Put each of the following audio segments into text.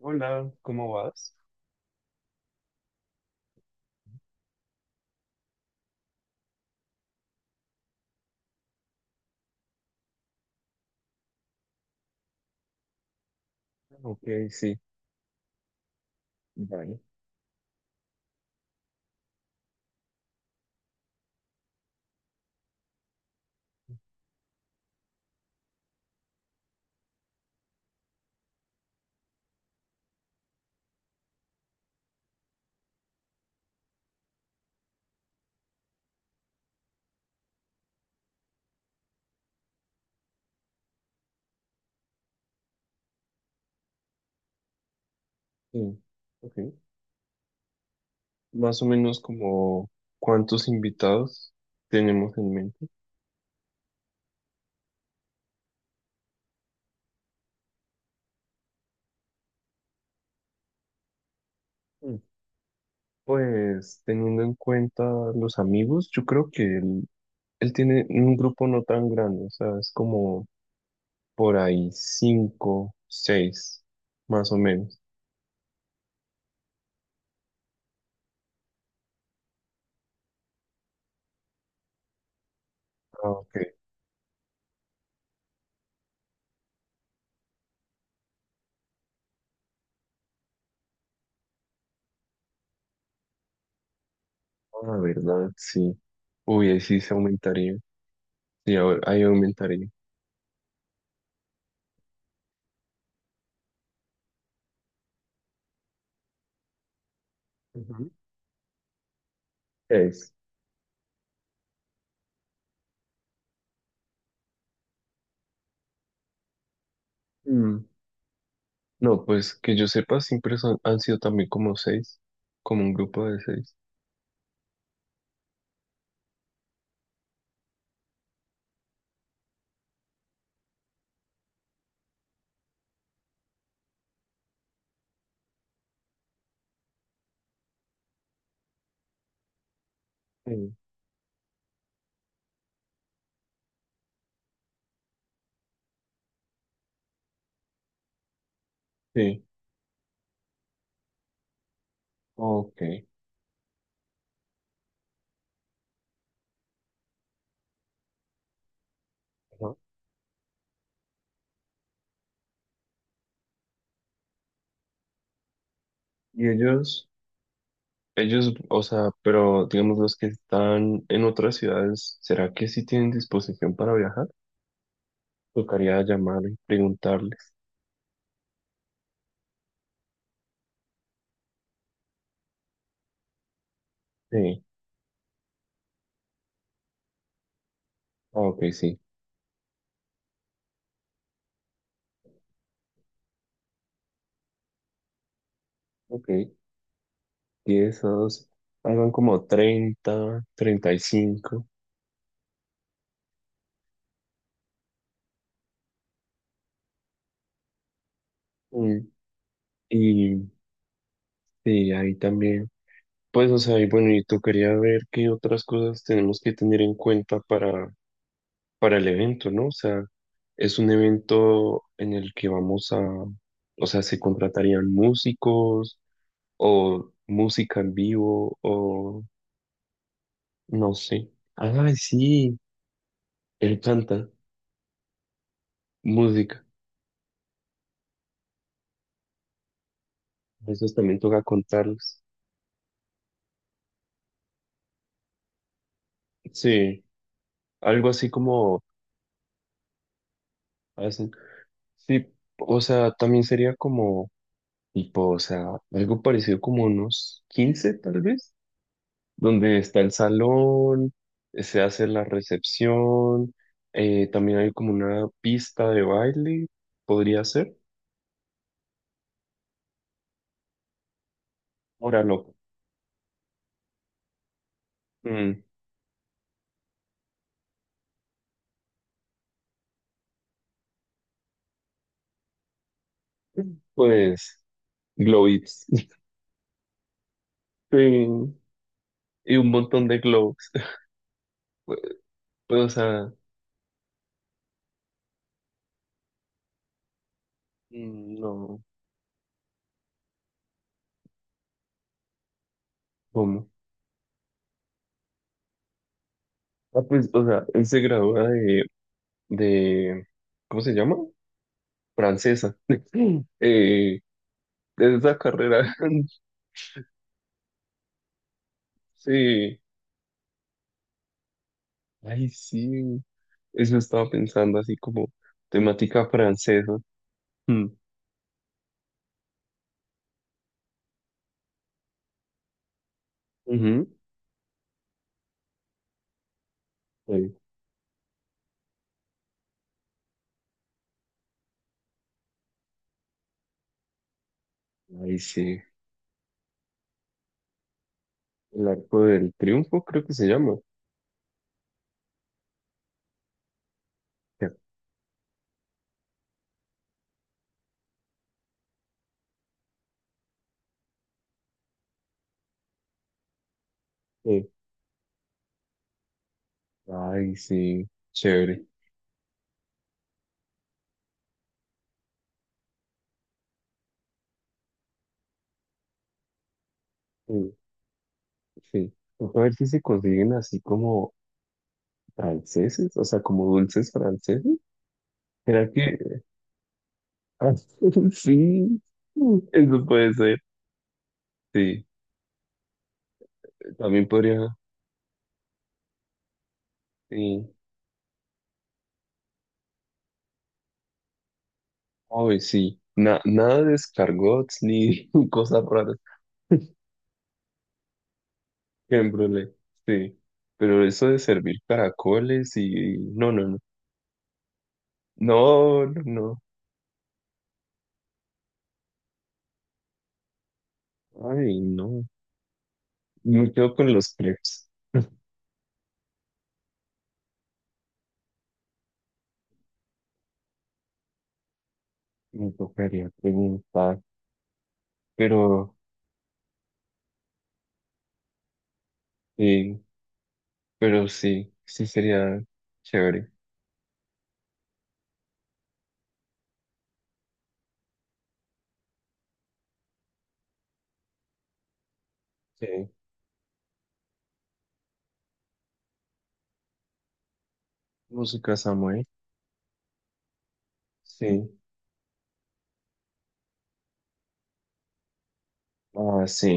Hola, ¿cómo vas? Sí, sí, ok. ¿Más o menos como cuántos invitados tenemos en mente? Mm. Pues teniendo en cuenta los amigos, yo creo que él tiene un grupo no tan grande, o sea, es como por ahí cinco, seis, más o menos. Ah, ok. Ah, verdad, sí. Uy, ahí sí se aumentaría. Sí, ahora ahí aumentaría. Ujú. Seis. No, pues que yo sepa, siempre son, han sido también como seis, como un grupo de seis. Sí. Sí, ok. Ajá. Y ellos, o sea, pero digamos los que están en otras ciudades, ¿será que sí tienen disposición para viajar? Tocaría llamar y preguntarles. Sí, ok, sí. Ok, 10 a 12. Hagan como 30, 35. Mm, Y sí, ahí también. Pues, o sea, y bueno, y tocaría ver qué otras cosas tenemos que tener en cuenta para el evento, ¿no? O sea, es un evento en el que vamos a, o sea, se contratarían músicos o música en vivo o no sé. Ah, sí, él canta música. Eso también toca contarles. Sí, algo así como hacen. Sí, o sea, también sería como tipo, o sea, algo parecido como unos 15, tal vez, donde está el salón, se hace la recepción, también hay como una pista de baile, podría ser. Ahora loco. Mm, Pues, globits. Sí, y un montón de globos. Pues, pues, o sea, no, ¿cómo? Ah, pues, o sea, él se gradúa de, de, ¿cómo se llama? Francesa. Eh, de esa carrera. Sí, ay, sí, eso estaba pensando, así como temática francesa. Mm. Ujú. Ay, ay, sí, el Arco del Triunfo creo que se llama. Ya. Sí. Ay, sí, chévere. Sí, sí. Toca ver si se consiguen así como franceses, o sea, como dulces franceses. ¿Será que...? Ah, sí, eso puede ser. Sí, también podría... Sí. Hoy sí, nada de escargots ni cosas raras. Crème brûlée, sí. Pero eso de servir caracoles y... No, no, no. No, no, no. Ay, no. Me quedo con los crepes. Me tocaría preguntar. Pero, sí, pero sí, sí sería chévere. Sí. Música Samuel. Sí. Ah, sí,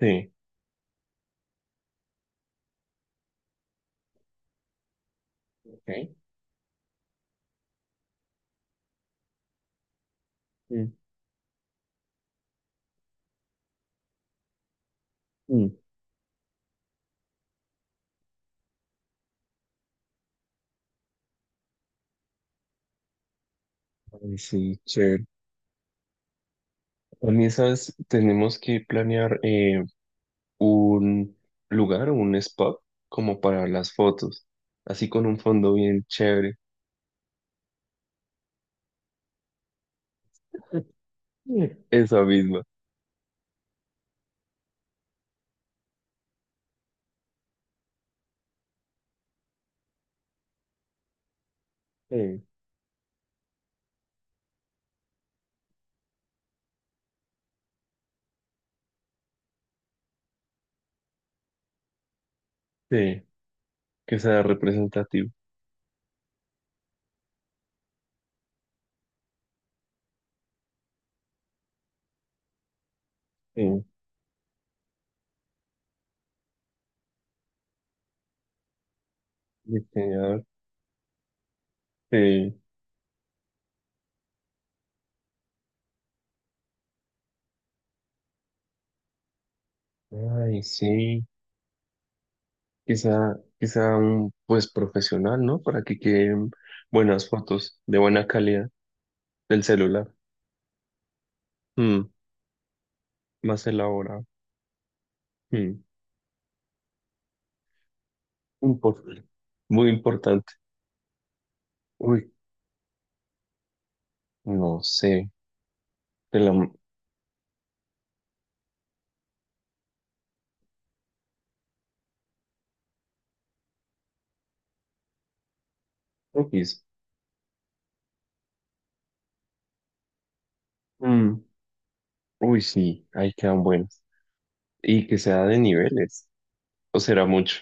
sí. Ok. Mm, mm. Ay, sí, chévere. También, ¿sabes? Tenemos que planear, un lugar o un spot como para las fotos, así con un fondo bien chévere. Mm. Esa misma. Sí, sí, que sea representativo. Sí, diseñador. Sí. Ay, sí. Quizá un pues profesional, ¿no? Para que queden buenas fotos de buena calidad del celular. Mm, Más elaborado. Mm, impor- Muy importante. Uy, no sé. De la X. Mm. Uy, sí, ahí quedan buenos. Y que sea de niveles, o será mucho.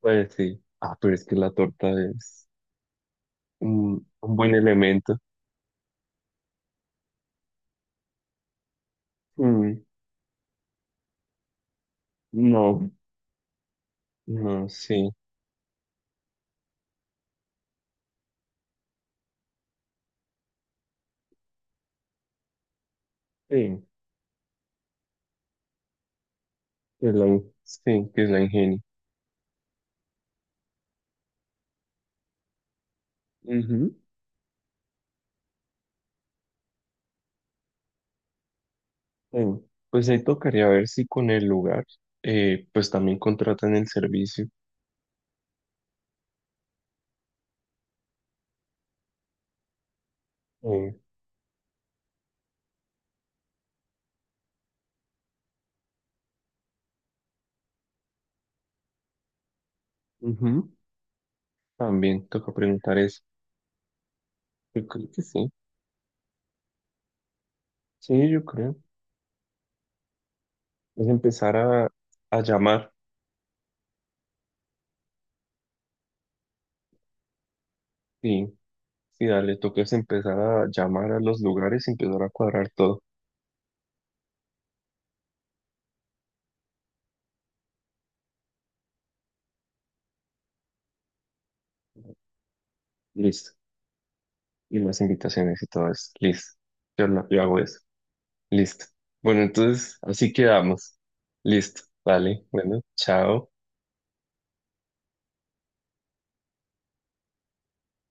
Pues sí. Ah, pero es que la torta es un buen elemento. Mm, no, no, sí. Sí, que es la, sí, que es la ingenio. Ujú, sí. Pues ahí tocaría ver si con el lugar, pues también contratan el servicio. Eh, Ujú, también toca preguntar eso. Yo creo que sí. Sí, yo creo. Es empezar a llamar. Sí. Sí, dale, tú que es empezar a llamar a los lugares y empezar a cuadrar todo. Listo. Y las invitaciones y todo eso. Listo. Yo hago eso. Listo. Bueno, entonces así quedamos. Listo. Vale. Bueno, chao.